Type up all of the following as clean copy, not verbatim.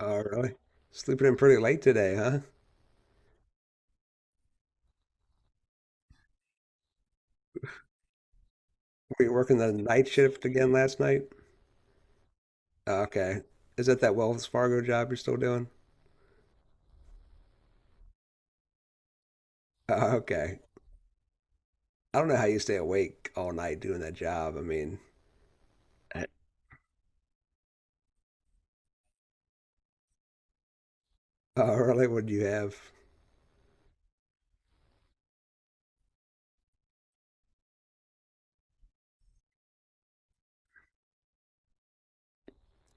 Oh, really? Sleeping in pretty late today, huh? Were you working the night shift again last night? Oh, okay. Is that that Wells Fargo job you're still doing? Oh, okay. I don't know how you stay awake all night doing that job. I mean, Uh, oh, really? What do you have?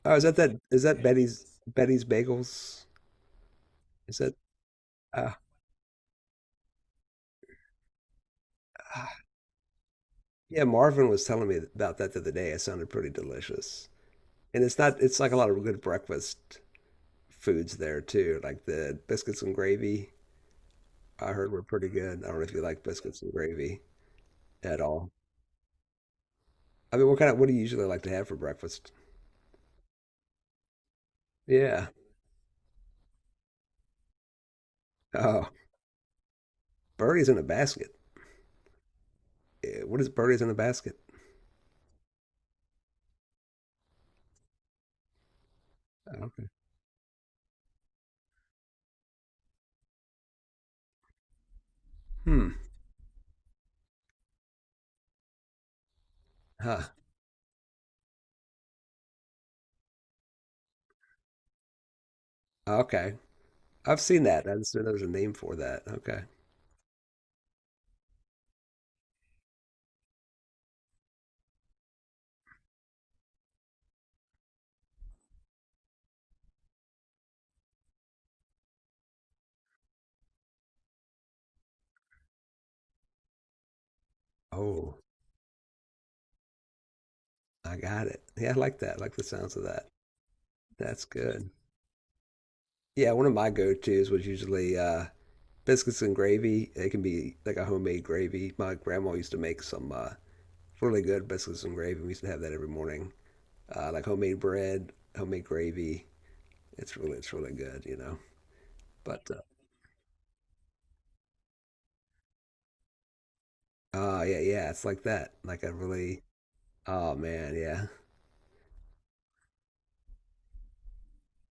Oh, is that that? Is that Betty's Bagels? Is that? Uh, ah. Yeah, Marvin was telling me about that the other day. It sounded pretty delicious. And it's not. It's like a lot of good breakfast foods there too, like the biscuits and gravy. I heard were pretty good. I don't know if you like biscuits and gravy at all. I mean, what kind of what do you usually like to have for breakfast? Yeah. Oh, birdies in a basket. What is birdies in a basket? Okay. Hmm. Huh. Okay. I've seen that. I didn't know there was a name for that. Okay. Oh, I got it. Yeah, I like that. I like the sounds of that. That's good. Yeah, one of my go-tos was usually biscuits and gravy. They can be like a homemade gravy. My grandma used to make some really good biscuits and gravy. We used to have that every morning. Like homemade bread, homemade gravy. It's really good. But oh yeah, yeah, it's like that. Like a really oh man, yeah.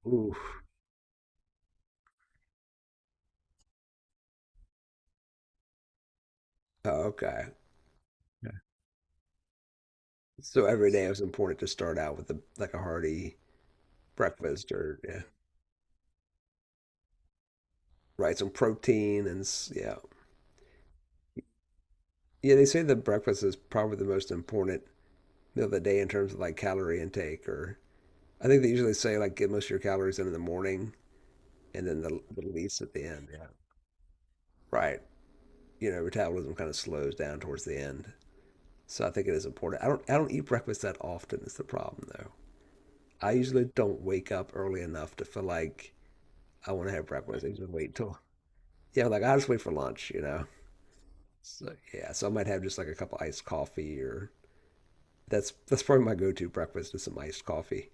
Ooh. Oh, okay. So every day it was important to start out with a like a hearty breakfast or yeah, right, some protein and yeah. Yeah, they say the breakfast is probably the most important meal of the day in terms of like calorie intake or I think they usually say like get most of your calories in the morning and then the least at the end. Yeah. Right. Metabolism kind of slows down towards the end. So I think it is important. I don't eat breakfast that often is the problem though. I usually don't wake up early enough to feel like I want to have breakfast. I usually wait till, yeah, like I just wait for lunch. So yeah, so I might have just like a cup of iced coffee or that's probably my go-to breakfast is some iced coffee.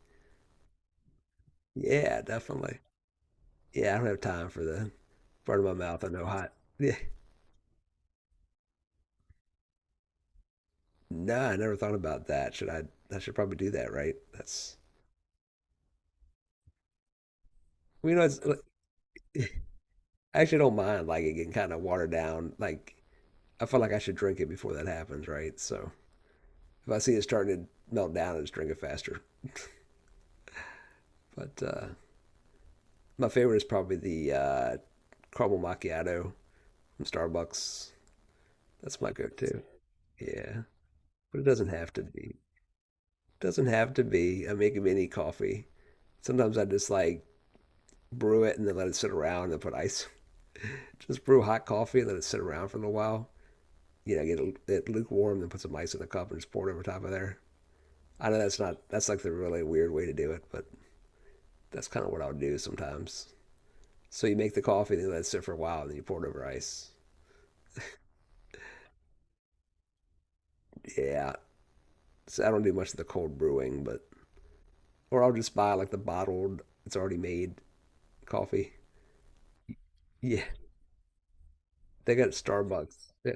Yeah, definitely. Yeah, I don't have time for the front of my mouth. I know hot. Yeah, no, I never thought about that. Should I? I should probably do that, right? That's, well, it's I actually don't mind like it getting kind of watered down. Like I feel like I should drink it before that happens, right? So if I see it starting to melt down, I just drink it faster. But my favorite is probably the caramel macchiato from Starbucks. That's my go-to. Yeah, but it doesn't have to be. Doesn't have to be. I make mini coffee. Sometimes I just like brew it and then let it sit around and put ice. Just brew hot coffee and let it sit around for a little while. Get it lukewarm, then put some ice in the cup and just pour it over top of there. I know that's not that's like the really weird way to do it, but that's kind of what I would do sometimes. So you make the coffee and then let it sit for a while, and then you pour it over ice. Yeah, so I don't do much of the cold brewing, but or I'll just buy like the bottled, it's already made coffee. Yeah, they got it at Starbucks. Yeah,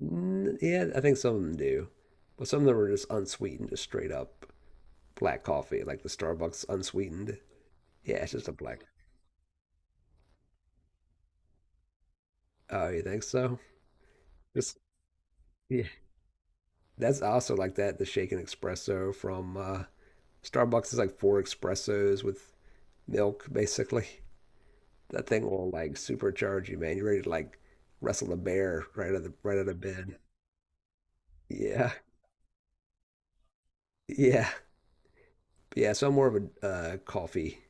Yeah, I think some of them do, but some of them are just unsweetened, just straight up black coffee, like the Starbucks unsweetened. Yeah, it's just a black. Oh, you think so? Just yeah. That's also like that, the shaken espresso from Starbucks is like four espressos with milk, basically. That thing will like supercharge you, man. You're ready to like wrestle a bear right out of bed. Yeah, yeah, yeah. So I'm more of a coffee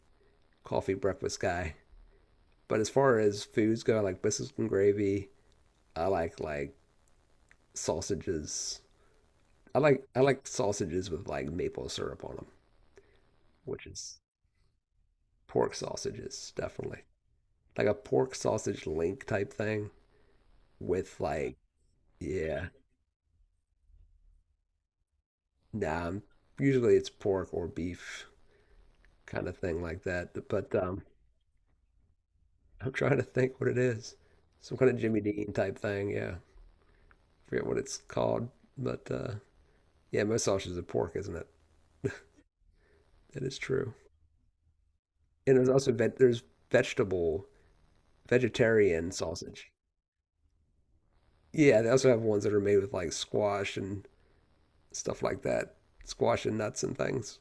coffee breakfast guy. But as far as foods go, I like biscuits and gravy. I like sausages. I like sausages with like maple syrup on them, which is pork sausages, definitely. Like a pork sausage link type thing with like yeah. Nah, usually it's pork or beef kind of thing like that. But I'm trying to think what it is. Some kind of Jimmy Dean type thing. Yeah, forget what it's called. But yeah, most sausages are pork, isn't it? It is true. And there's also ve there's vegetable vegetarian sausage. Yeah, they also have ones that are made with like squash and stuff like that, squash and nuts and things.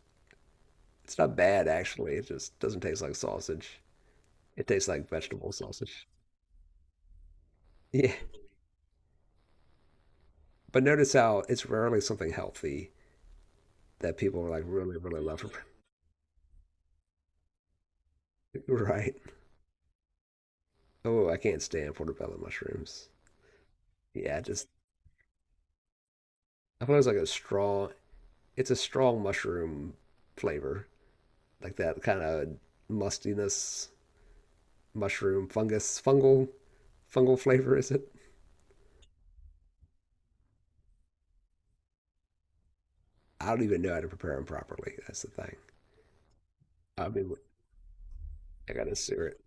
It's not bad actually. It just doesn't taste like sausage. It tastes like vegetable sausage. Yeah. But notice how it's rarely something healthy that people are like really, really love. Right. Oh, I can't stand portobello mushrooms. Yeah, just I thought it was like a strong. It's a strong mushroom flavor, like that kind of mustiness, mushroom, fungus, fungal flavor. Is it? I don't even know how to prepare them properly. That's the thing. I mean, I gotta sear it.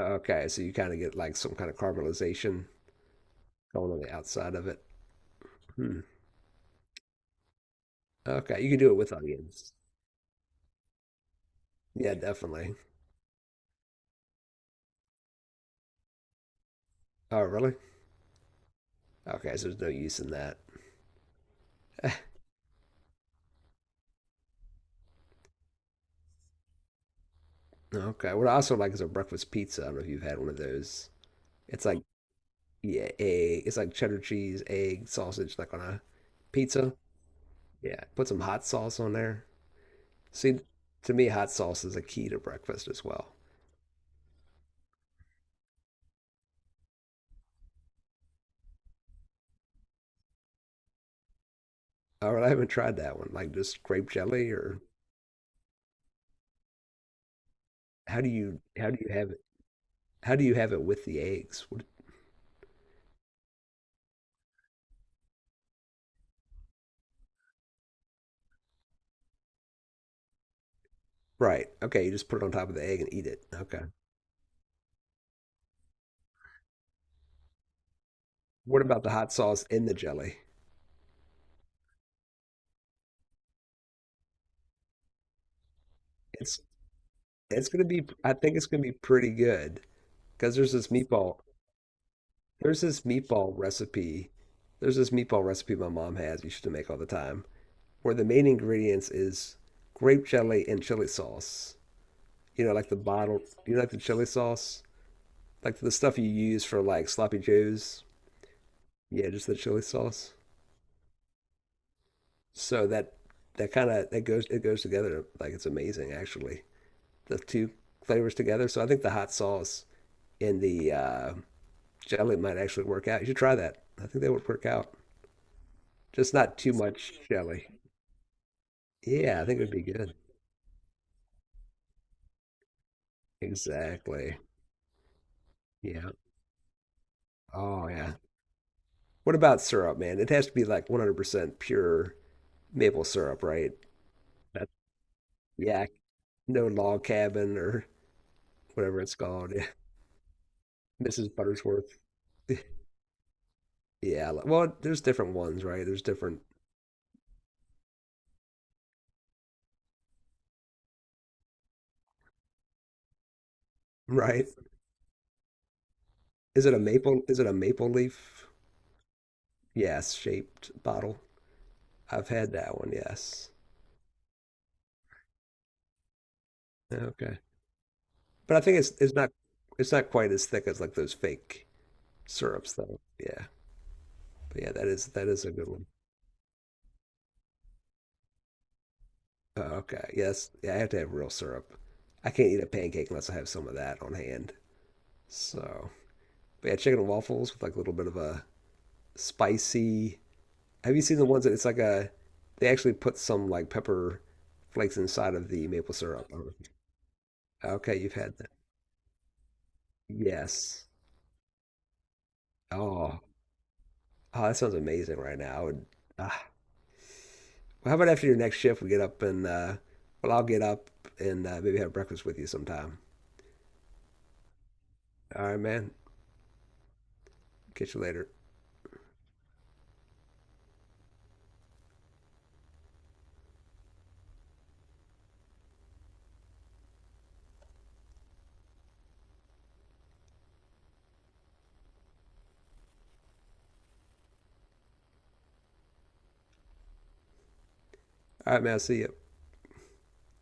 Okay, so you kind of get like some kind of caramelization going on the outside of it. Hmm. Okay, you can do it with onions. Yeah, definitely. Oh, really? Okay, so there's no use in that. Okay. What I also like is a breakfast pizza. I don't know if you've had one of those. It's like yeah, egg. It's like cheddar cheese, egg, sausage, like on a pizza. Yeah. Put some hot sauce on there. See, to me, hot sauce is a key to breakfast as well. All right, I haven't tried that one. Like just grape jelly, or how do you have it? How do you have it with the eggs? What, right. Okay, you just put it on top of the egg and eat it. Okay. What about the hot sauce in the jelly? It's It's gonna be, I think it's gonna be pretty good because there's this meatball recipe, there's this meatball recipe my mom has, used to make all the time, where the main ingredients is grape jelly and chili sauce. Like the bottled, like the chili sauce, like the stuff you use for like sloppy joes. Yeah, just the chili sauce. So that kind of that goes it goes together like it's amazing actually. The two flavors together. So I think the hot sauce in the jelly might actually work out. You should try that. I think that would work out. Just not too much jelly. Yeah, I think it would be good. Exactly. Yeah. Oh, yeah. What about syrup, man? It has to be like 100% pure maple syrup, right? That's, yeah, no log cabin or whatever it's called. Yeah. Mrs. Buttersworth. Yeah. Well, there's different ones, right? There's different, right? Is it a maple? Is it a maple leaf? Yes, shaped bottle. I've had that one, yes. Okay. But I think it's not quite as thick as like those fake syrups though. Yeah. But yeah, that is a good one. Oh, okay. Yes. Yeah, I have to have real syrup. I can't eat a pancake unless I have some of that on hand. So, but yeah, chicken and waffles with like a little bit of a spicy. Have you seen the ones that it's like a they actually put some like pepper flakes inside of the maple syrup. I don't know if Okay, you've had that. Yes. Oh, oh, that sounds amazing right now. I would, ah. Well, how about after your next shift, we get up and, well, I'll get up and maybe have breakfast with you sometime. All right, man. Catch you later. All right, man. I'll see you.